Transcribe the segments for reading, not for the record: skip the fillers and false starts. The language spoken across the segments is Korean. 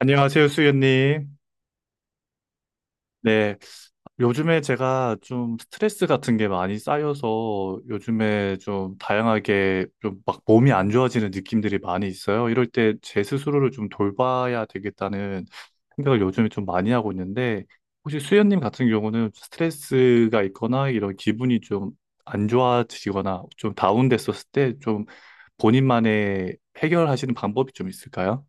안녕하세요, 수연님. 네, 요즘에 제가 좀 스트레스 같은 게 많이 쌓여서 요즘에 좀 다양하게 좀 막 몸이 안 좋아지는 느낌들이 많이 있어요. 이럴 때 제 스스로를 좀 돌봐야 되겠다는 생각을 요즘에 좀 많이 하고 있는데, 혹시 수연님 같은 경우는 스트레스가 있거나 이런 기분이 좀 안 좋아지거나 좀 다운됐었을 때 좀 본인만의 해결하시는 방법이 좀 있을까요?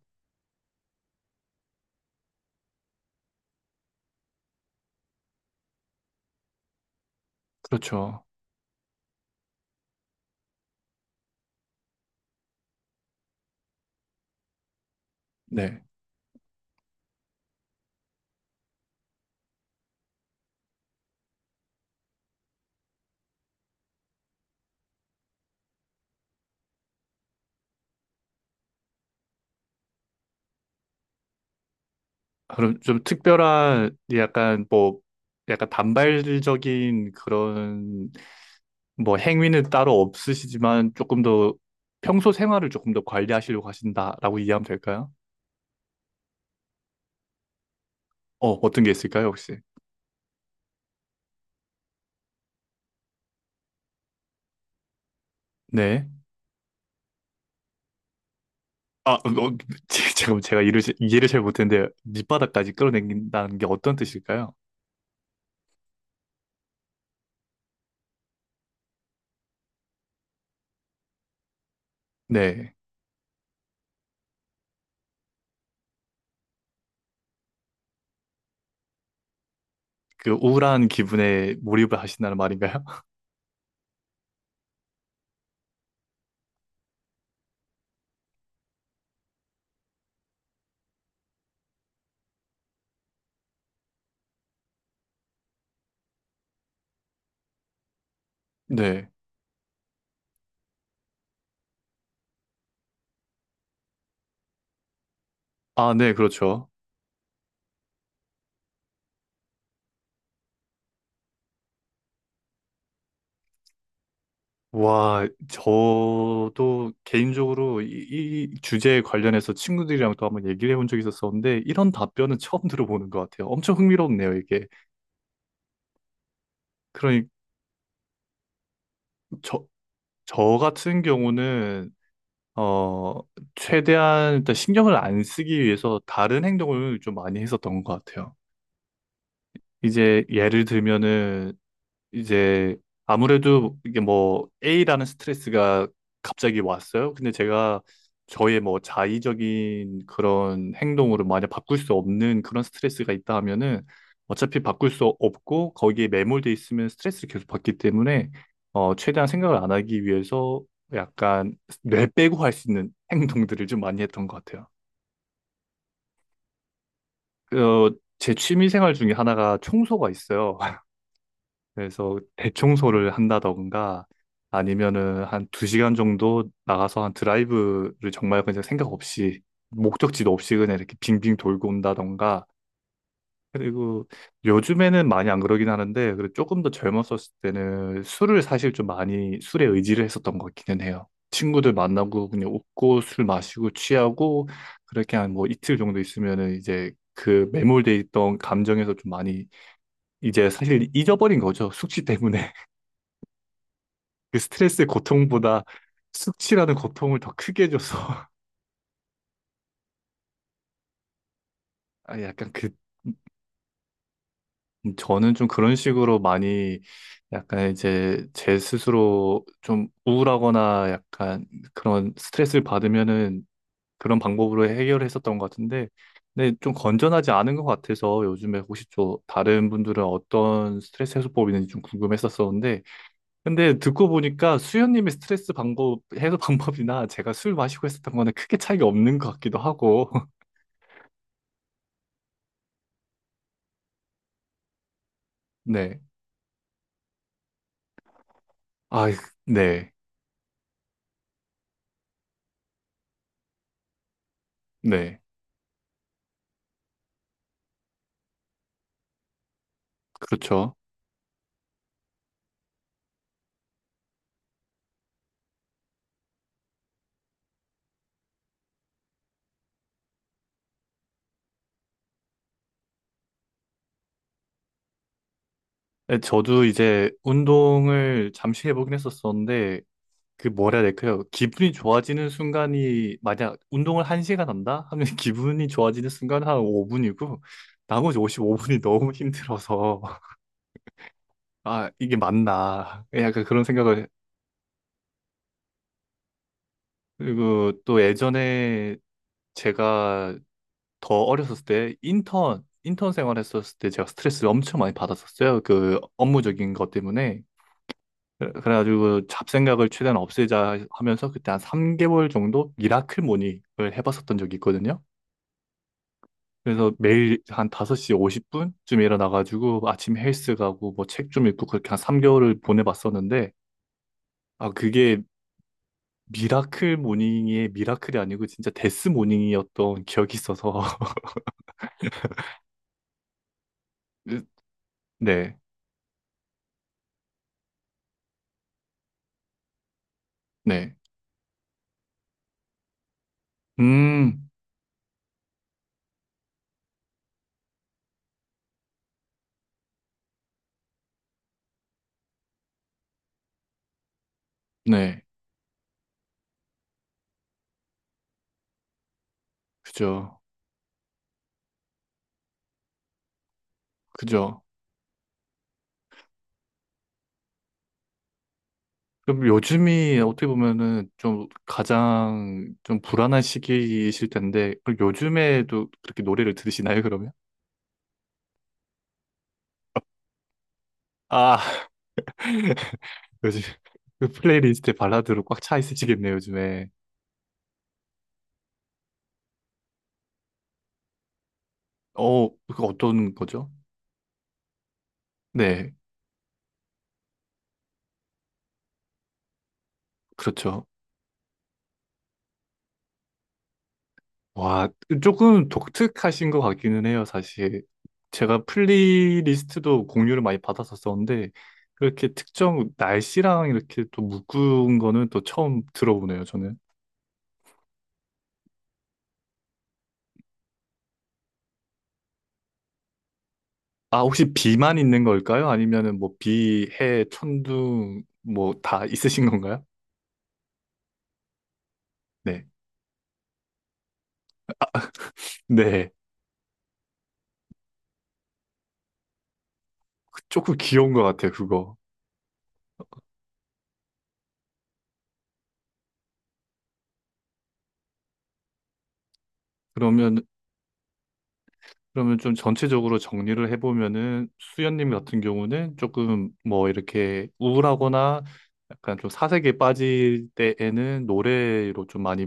그렇죠. 네. 그럼 좀 특별한 약간 뭐 약간 반발적인 그런 뭐 행위는 따로 없으시지만 조금 더 평소 생활을 조금 더 관리하시려고 하신다라고 이해하면 될까요? 어, 어떤 게 있을까요, 혹시? 네. 아, 어, 어, 잠깐만 제가 이해를 잘 못했는데 밑바닥까지 끌어당긴다는 게 어떤 뜻일까요? 네. 그 우울한 기분에 몰입을 하신다는 말인가요? 네. 아, 네, 그렇죠. 와, 저도 개인적으로 이 주제에 관련해서 친구들이랑 또 한번 얘기를 해본 적이 있었었는데, 이런 답변은 처음 들어보는 것 같아요. 엄청 흥미롭네요, 이게. 그러니, 저, 저 같은 경우는, 어, 최대한 일단 신경을 안 쓰기 위해서 다른 행동을 좀 많이 했었던 것 같아요. 이제 예를 들면은, 이제 아무래도 이게 뭐 A라는 스트레스가 갑자기 왔어요. 근데 제가 저의 뭐 자의적인 그런 행동으로 만약 바꿀 수 없는 그런 스트레스가 있다 하면은 어차피 바꿀 수 없고 거기에 매몰돼 있으면 스트레스를 계속 받기 때문에 어 최대한 생각을 안 하기 위해서 약간 뇌 빼고 할 수 있는 행동들을 좀 많이 했던 것 같아요. 어 제 취미 생활 중에 하나가 청소가 있어요. 그래서 대청소를 한다던가 아니면은 한 두 시간 정도 나가서 한 드라이브를 정말 그냥 생각 없이 목적지도 없이 그냥 이렇게 빙빙 돌고 온다던가. 그리고 요즘에는 많이 안 그러긴 하는데 그래도 조금 더 젊었었을 때는 술을 사실 좀 많이 술에 의지를 했었던 것 같기는 해요. 친구들 만나고 그냥 웃고 술 마시고 취하고 그렇게 한 뭐 이틀 정도 있으면은 이제 그 매몰돼 있던 감정에서 좀 많이 이제 사실 잊어버린 거죠. 숙취 때문에. 그 스트레스의 고통보다 숙취라는 고통을 더 크게 줘서 아, 약간 그 저는 좀 그런 식으로 많이 약간 이제 제 스스로 좀 우울하거나 약간 그런 스트레스를 받으면은 그런 방법으로 해결했었던 것 같은데, 근데 좀 건전하지 않은 것 같아서 요즘에 혹시 또 다른 분들은 어떤 스트레스 해소법이 있는지 좀 궁금했었었는데, 근데 듣고 보니까 수현님의 스트레스 방법 해소 방법이나 제가 술 마시고 했었던 거는 크게 차이가 없는 것 같기도 하고. 네. 아, 네. 네. 그렇죠. 네, 저도 이제 운동을 잠시 해보긴 했었었는데, 그 뭐라 해야 될까요? 기분이 좋아지는 순간이, 만약 운동을 1시간 한다? 하면 기분이 좋아지는 순간은 한 5분이고, 나머지 55분이 너무 힘들어서, 아, 이게 맞나. 예, 약간 그런 생각을, 그리고 또 예전에 제가 더 어렸을 때 인턴 생활했었을 때 제가 스트레스를 엄청 많이 받았었어요. 그 업무적인 것 때문에. 그래가지고 그 잡생각을 최대한 없애자 하면서 그때 한 3개월 정도 미라클 모닝을 해봤었던 적이 있거든요. 그래서 매일 한 5시 50분쯤에 일어나가지고 아침 헬스 가고 뭐 책 좀 읽고 그렇게 한 3개월을 보내봤었는데 아 그게 미라클 모닝의 미라클이 아니고 진짜 데스 모닝이었던 기억이 있어서 네, 네. 음, 네. 그죠. 그죠. 그럼 요즘이 어떻게 보면은 좀 가장 좀 불안한 시기이실 텐데, 그럼 요즘에도 그렇게 노래를 들으시나요, 그러면? 아, 요즘 그 플레이리스트에 발라드로 꽉 차 있으시겠네요, 요즘에. 어, 그 어떤 거죠? 네, 그렇죠. 와, 조금 독특하신 것 같기는 해요, 사실. 제가 플레이리스트도 공유를 많이 받았었었는데, 그렇게 특정 날씨랑 이렇게 또 묶은 거는 또 처음 들어보네요. 아, 혹시 비만 있는 걸까요? 아니면은 뭐 비, 해, 천둥 뭐 다 있으신 건가요? 네. 네. 그 조금 귀여운 것 같아요, 그거. 그러면 그러면 좀 전체적으로 정리를 해보면은 수연님 같은 경우는 조금 뭐 이렇게 우울하거나 약간 좀 사색에 빠질 때에는 노래로 좀 많이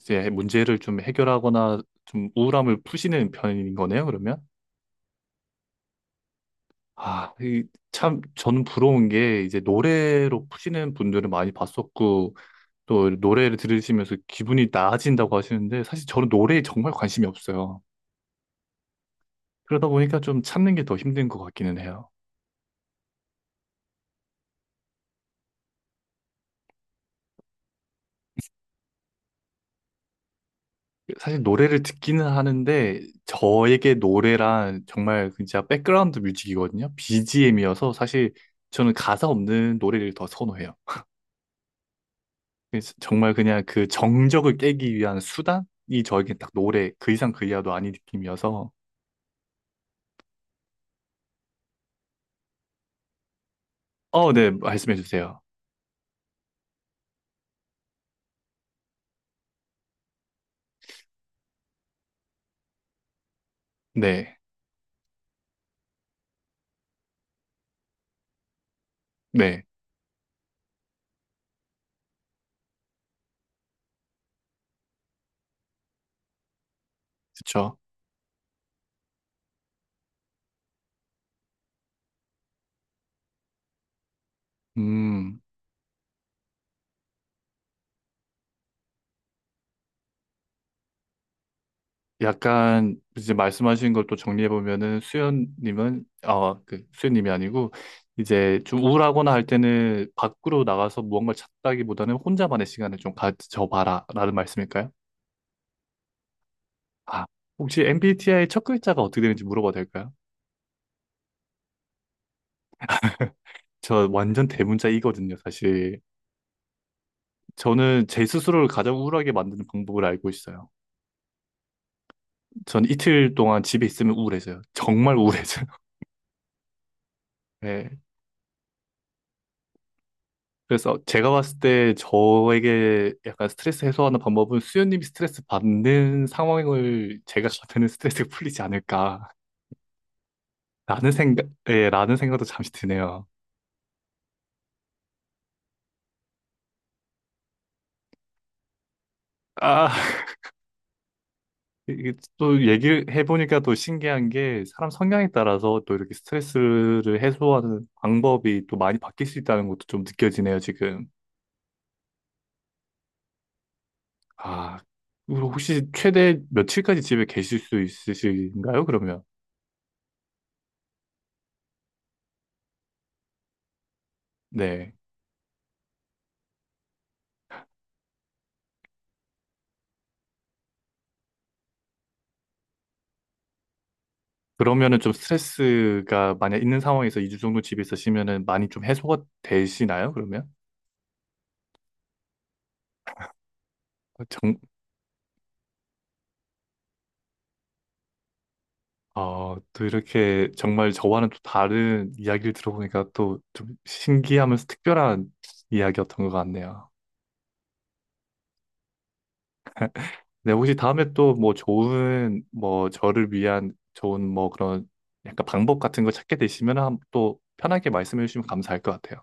이제 문제를 좀 해결하거나 좀 우울함을 푸시는 편인 거네요, 그러면? 아, 이, 참, 저는 부러운 게, 이제 노래로 푸시는 분들은 많이 봤었고, 또 노래를 들으시면서 기분이 나아진다고 하시는데, 사실 저는 노래에 정말 관심이 없어요. 그러다 보니까 좀 찾는 게 더 힘든 것 같기는 해요. 사실 노래를 듣기는 하는데, 저에게 노래란 정말 진짜 백그라운드 뮤직이거든요. BGM이어서 사실 저는 가사 없는 노래를 더 선호해요. 그래서 정말 그냥 그 정적을 깨기 위한 수단이 저에겐 딱 노래, 그 이상 그 이하도 아닌 느낌이어서, 어, 네, 말씀해 주세요. 네, 네, 그쵸. 음, 약간 이제 말씀하신 걸 또 정리해 보면은 수연님은 어, 그 수연님이 아니고 이제 좀 우울하거나 할 때는 밖으로 나가서 무언가를 찾다기보다는 혼자만의 시간을 좀 가져봐라라는 말씀일까요? 아, 혹시 MBTI 첫 글자가 어떻게 되는지 물어봐도 될까요? 저 완전 대문자이거든요, 사실. 저는 제 스스로를 가장 우울하게 만드는 방법을 알고 있어요. 전 이틀 동안 집에 있으면 우울해져요. 정말 우울해져요. 네. 그래서 제가 봤을 때 저에게 약간 스트레스 해소하는 방법은 수현님이 스트레스 받는 상황을 제가 겪는 스트레스가 풀리지 않을까라는 생각, 예, 라는 생각도 잠시 드네요. 아, 이게 또 얘기를 해보니까 또 신기한 게 사람 성향에 따라서 또 이렇게 스트레스를 해소하는 방법이 또 많이 바뀔 수 있다는 것도 좀 느껴지네요, 지금. 아, 그리고 혹시 최대 며칠까지 집에 계실 수 있으신가요, 그러면? 네. 그러면은 좀 스트레스가 만약 있는 상황에서 2주 정도 집에 있으시면은 많이 좀 해소가 되시나요? 그러면? 어, 정, 어, 또 이렇게 정말 저와는 또 다른 이야기를 들어보니까 또 좀 신기하면서 특별한 이야기였던 것 같네요. 네, 혹시 다음에 또 뭐 좋은, 뭐 저를 위한 좋은 뭐 그런 약간 방법 같은 거 찾게 되시면 또 편하게 말씀해 주시면 감사할 것 같아요.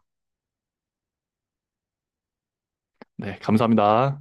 네, 감사합니다.